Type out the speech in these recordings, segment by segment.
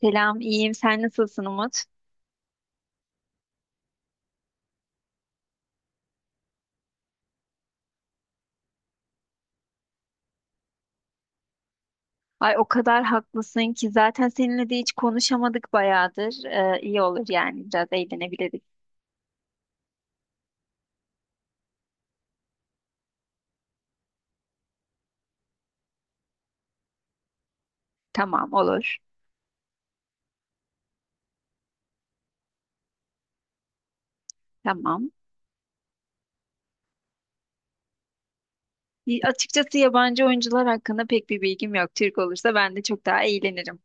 Selam, iyiyim. Sen nasılsın Umut? Ay o kadar haklısın ki zaten seninle de hiç konuşamadık bayağıdır. İyi olur yani biraz eğlenebiliriz. Tamam olur. Tamam. Açıkçası yabancı oyuncular hakkında pek bir bilgim yok. Türk olursa ben de çok daha eğlenirim.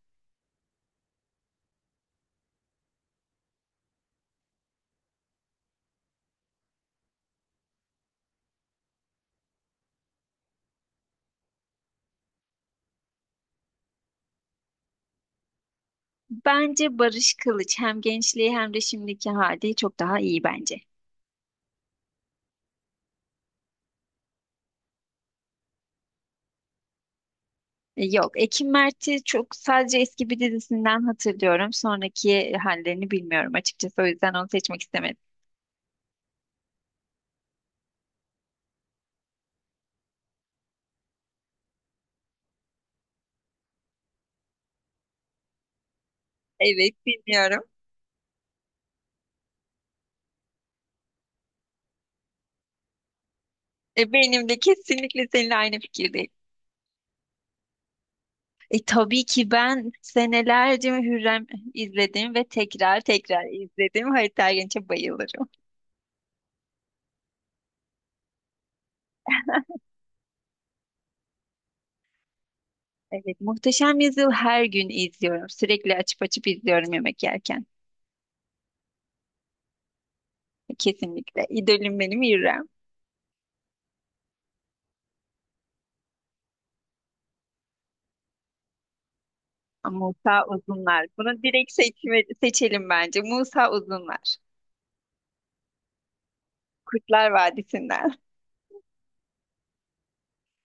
Bence Barış Kılıç hem gençliği hem de şimdiki hali çok daha iyi bence. Yok, Ekim Mert'i çok sadece eski bir dizisinden hatırlıyorum. Sonraki hallerini bilmiyorum açıkçası. O yüzden onu seçmek istemedim. Evet, bilmiyorum. Benim de kesinlikle seninle aynı fikirdeyim. Tabii ki ben senelerce Hürrem izledim ve tekrar tekrar izledim. Halit Ergenç'e bayılırım. Evet, Muhteşem Yüzyıl her gün izliyorum. Sürekli açıp açıp izliyorum yemek yerken. Kesinlikle. İdolüm benim Hürrem. Musa Uzunlar. Bunu seçelim bence. Musa Uzunlar. Kurtlar Vadisi'nden.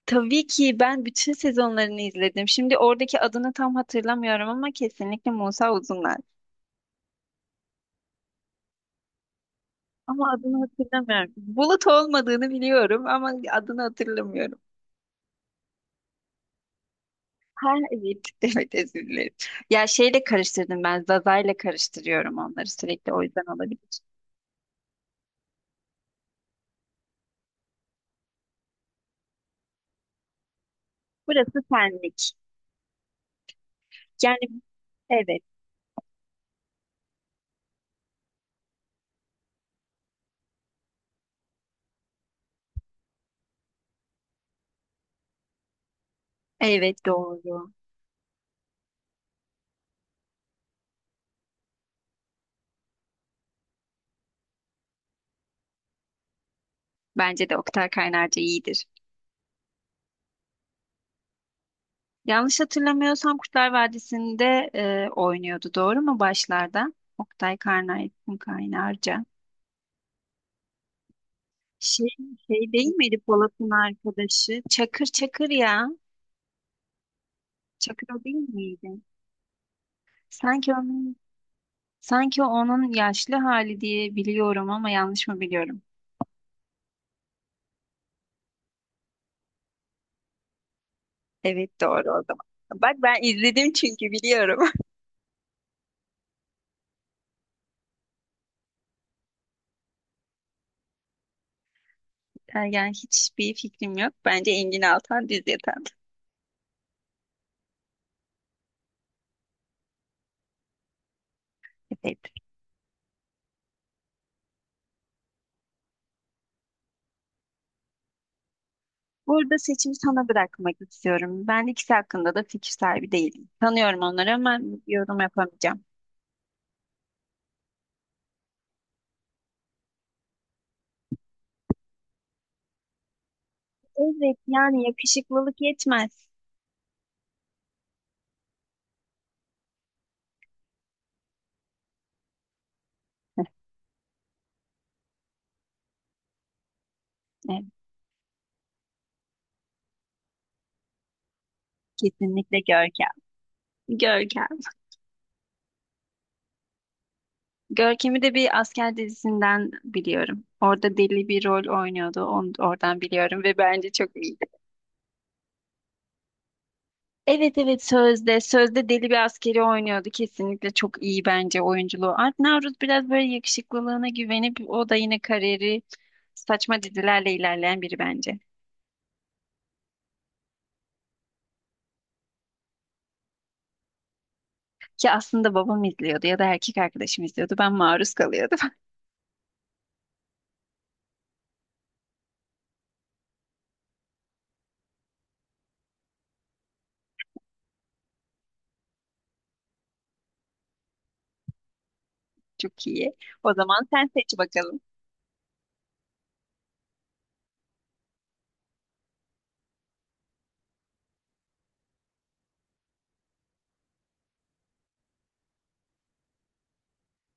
Tabii ki ben bütün sezonlarını izledim. Şimdi oradaki adını tam hatırlamıyorum ama kesinlikle Musa Uzunlar. Ama adını hatırlamıyorum. Bulut olmadığını biliyorum ama adını hatırlamıyorum. Ha evet, evet özür dilerim. Ya şeyle karıştırdım ben, Zaza'yla karıştırıyorum onları sürekli o yüzden olabilir. Burası senlik. Yani evet, evet doğru. Bence de Oktay Kaynarca iyidir. Yanlış hatırlamıyorsam Kurtlar Vadisi'nde oynuyordu doğru mu başlarda? Oktay Karnay, Kaynarca. Şey, şey değil miydi Polat'ın arkadaşı? Çakır ya. Çakır değil miydi? Sanki onun sanki onun yaşlı hali diye biliyorum ama yanlış mı biliyorum? Evet doğru o zaman. Bak ben izledim çünkü biliyorum. Yani hiçbir fikrim yok. Bence Engin Altan Düz Yatan. Evet. Burada seçimi sana bırakmak istiyorum. Ben ikisi hakkında da fikir sahibi değilim. Tanıyorum onları ama yorum yapamayacağım. Evet yani yakışıklılık yetmez. Evet, kesinlikle Görkem. Görkem. Görkem'i de bir asker dizisinden biliyorum. Orada deli bir rol oynuyordu. Oradan biliyorum ve bence çok iyiydi. Evet evet Sözde. Sözde deli bir askeri oynuyordu. Kesinlikle çok iyi bence oyunculuğu. Art Navruz biraz böyle yakışıklılığına güvenip o da yine kariyeri saçma dizilerle ilerleyen biri bence. Ki aslında babam izliyordu ya da erkek arkadaşım izliyordu. Ben maruz kalıyordum. Çok iyi. O zaman sen seç bakalım.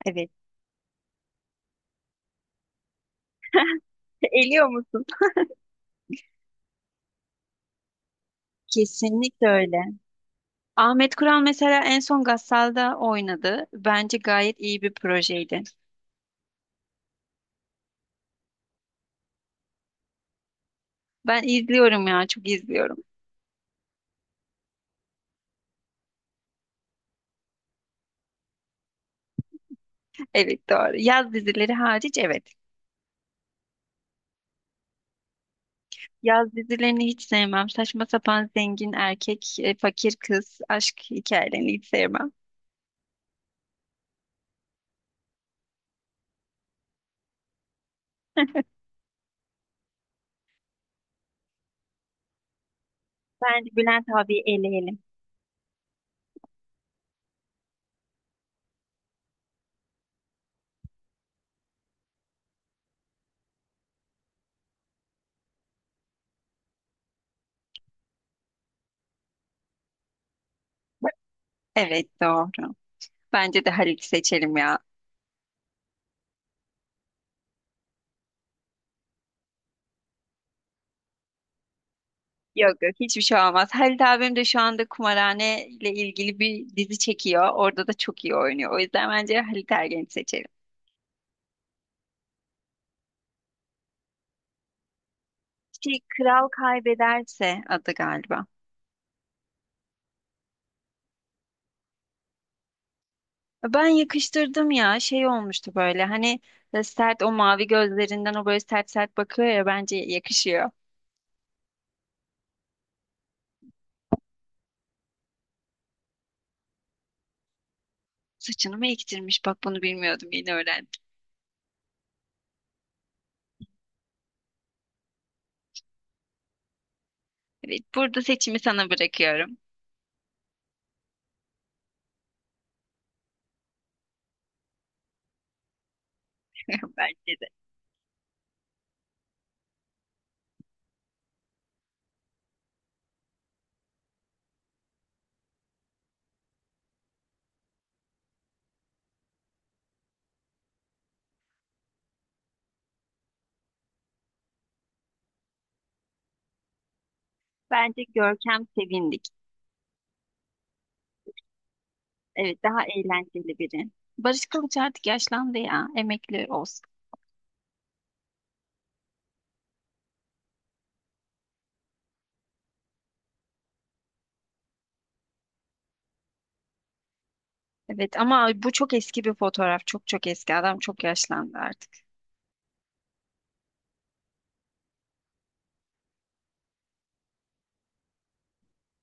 Evet. Eliyor musun? Kesinlikle öyle. Ahmet Kural mesela en son Gassal'da oynadı. Bence gayet iyi bir projeydi. Ben izliyorum ya, çok izliyorum. Evet doğru. Yaz dizileri hariç evet. Yaz dizilerini hiç sevmem. Saçma sapan zengin erkek, fakir kız, aşk hikayelerini hiç sevmem. Bence Bülent abiyi eleyelim. Evet doğru. Bence de Halit seçelim ya. Yok yok hiçbir şey olmaz. Halit abim de şu anda kumarhane ile ilgili bir dizi çekiyor. Orada da çok iyi oynuyor. O yüzden bence Halit Ergen'i seçelim. Şey, kral kaybederse adı galiba. Ben yakıştırdım ya şey olmuştu böyle hani sert o mavi gözlerinden o böyle sert bakıyor ya bence yakışıyor. Saçını mı ektirmiş bak bunu bilmiyordum yeni öğrendim. Evet burada seçimi sana bırakıyorum. Bence de. Bence Görkem Sevindik. Evet daha eğlenceli biri. Barış Kılıç artık yaşlandı ya emekli olsun. Evet ama bu çok eski bir fotoğraf çok çok eski adam çok yaşlandı artık.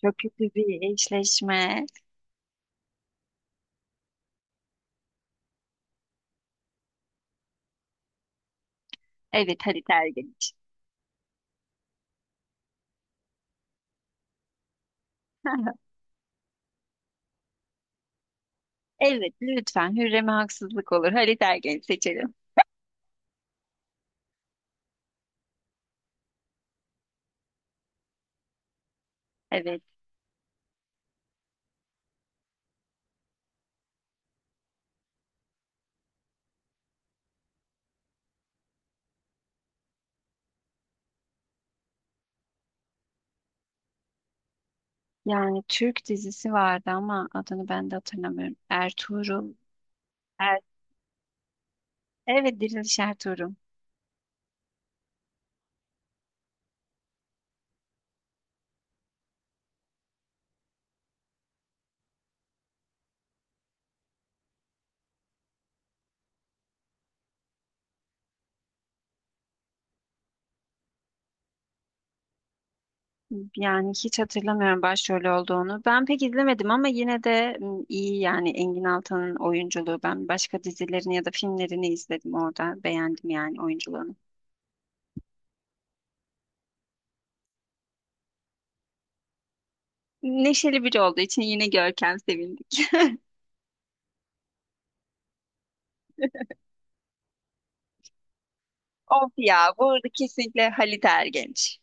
Çok kötü bir eşleşme. Evet Halit Ergenç. Evet lütfen Hürrem'e haksızlık olur. Halit Ergenç seçelim. Evet. Yani Türk dizisi vardı ama adını ben de hatırlamıyorum. Ertuğrul. Er evet Diriliş Ertuğrul. Yani hiç hatırlamıyorum başrolü olduğunu. Ben pek izlemedim ama yine de iyi yani Engin Altan'ın oyunculuğu. Ben başka dizilerini ya da filmlerini izledim orada. Beğendim yani oyunculuğunu. Neşeli biri olduğu için yine Görkem sevindik. Of ya burada kesinlikle Halit Ergenç.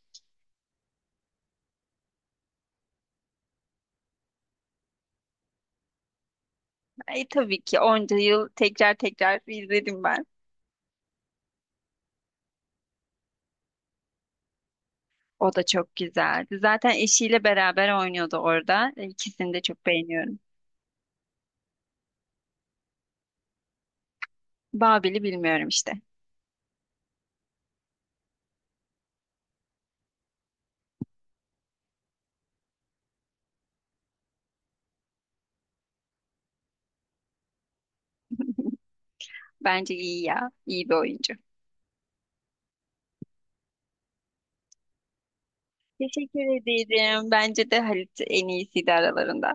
Ay, tabii ki onca yıl tekrar tekrar izledim ben. O da çok güzeldi. Zaten eşiyle beraber oynuyordu orada. İkisini de çok beğeniyorum. Babil'i bilmiyorum işte. Bence iyi ya. İyi bir oyuncu. Teşekkür ederim. Bence de Halit en iyisiydi aralarında.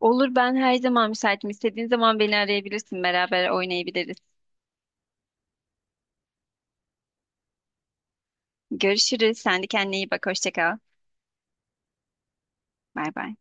Olur ben her zaman müsaitim. İstediğin zaman beni arayabilirsin. Beraber oynayabiliriz. Görüşürüz. Sen de kendine iyi bak. Hoşça kal. Bay bay.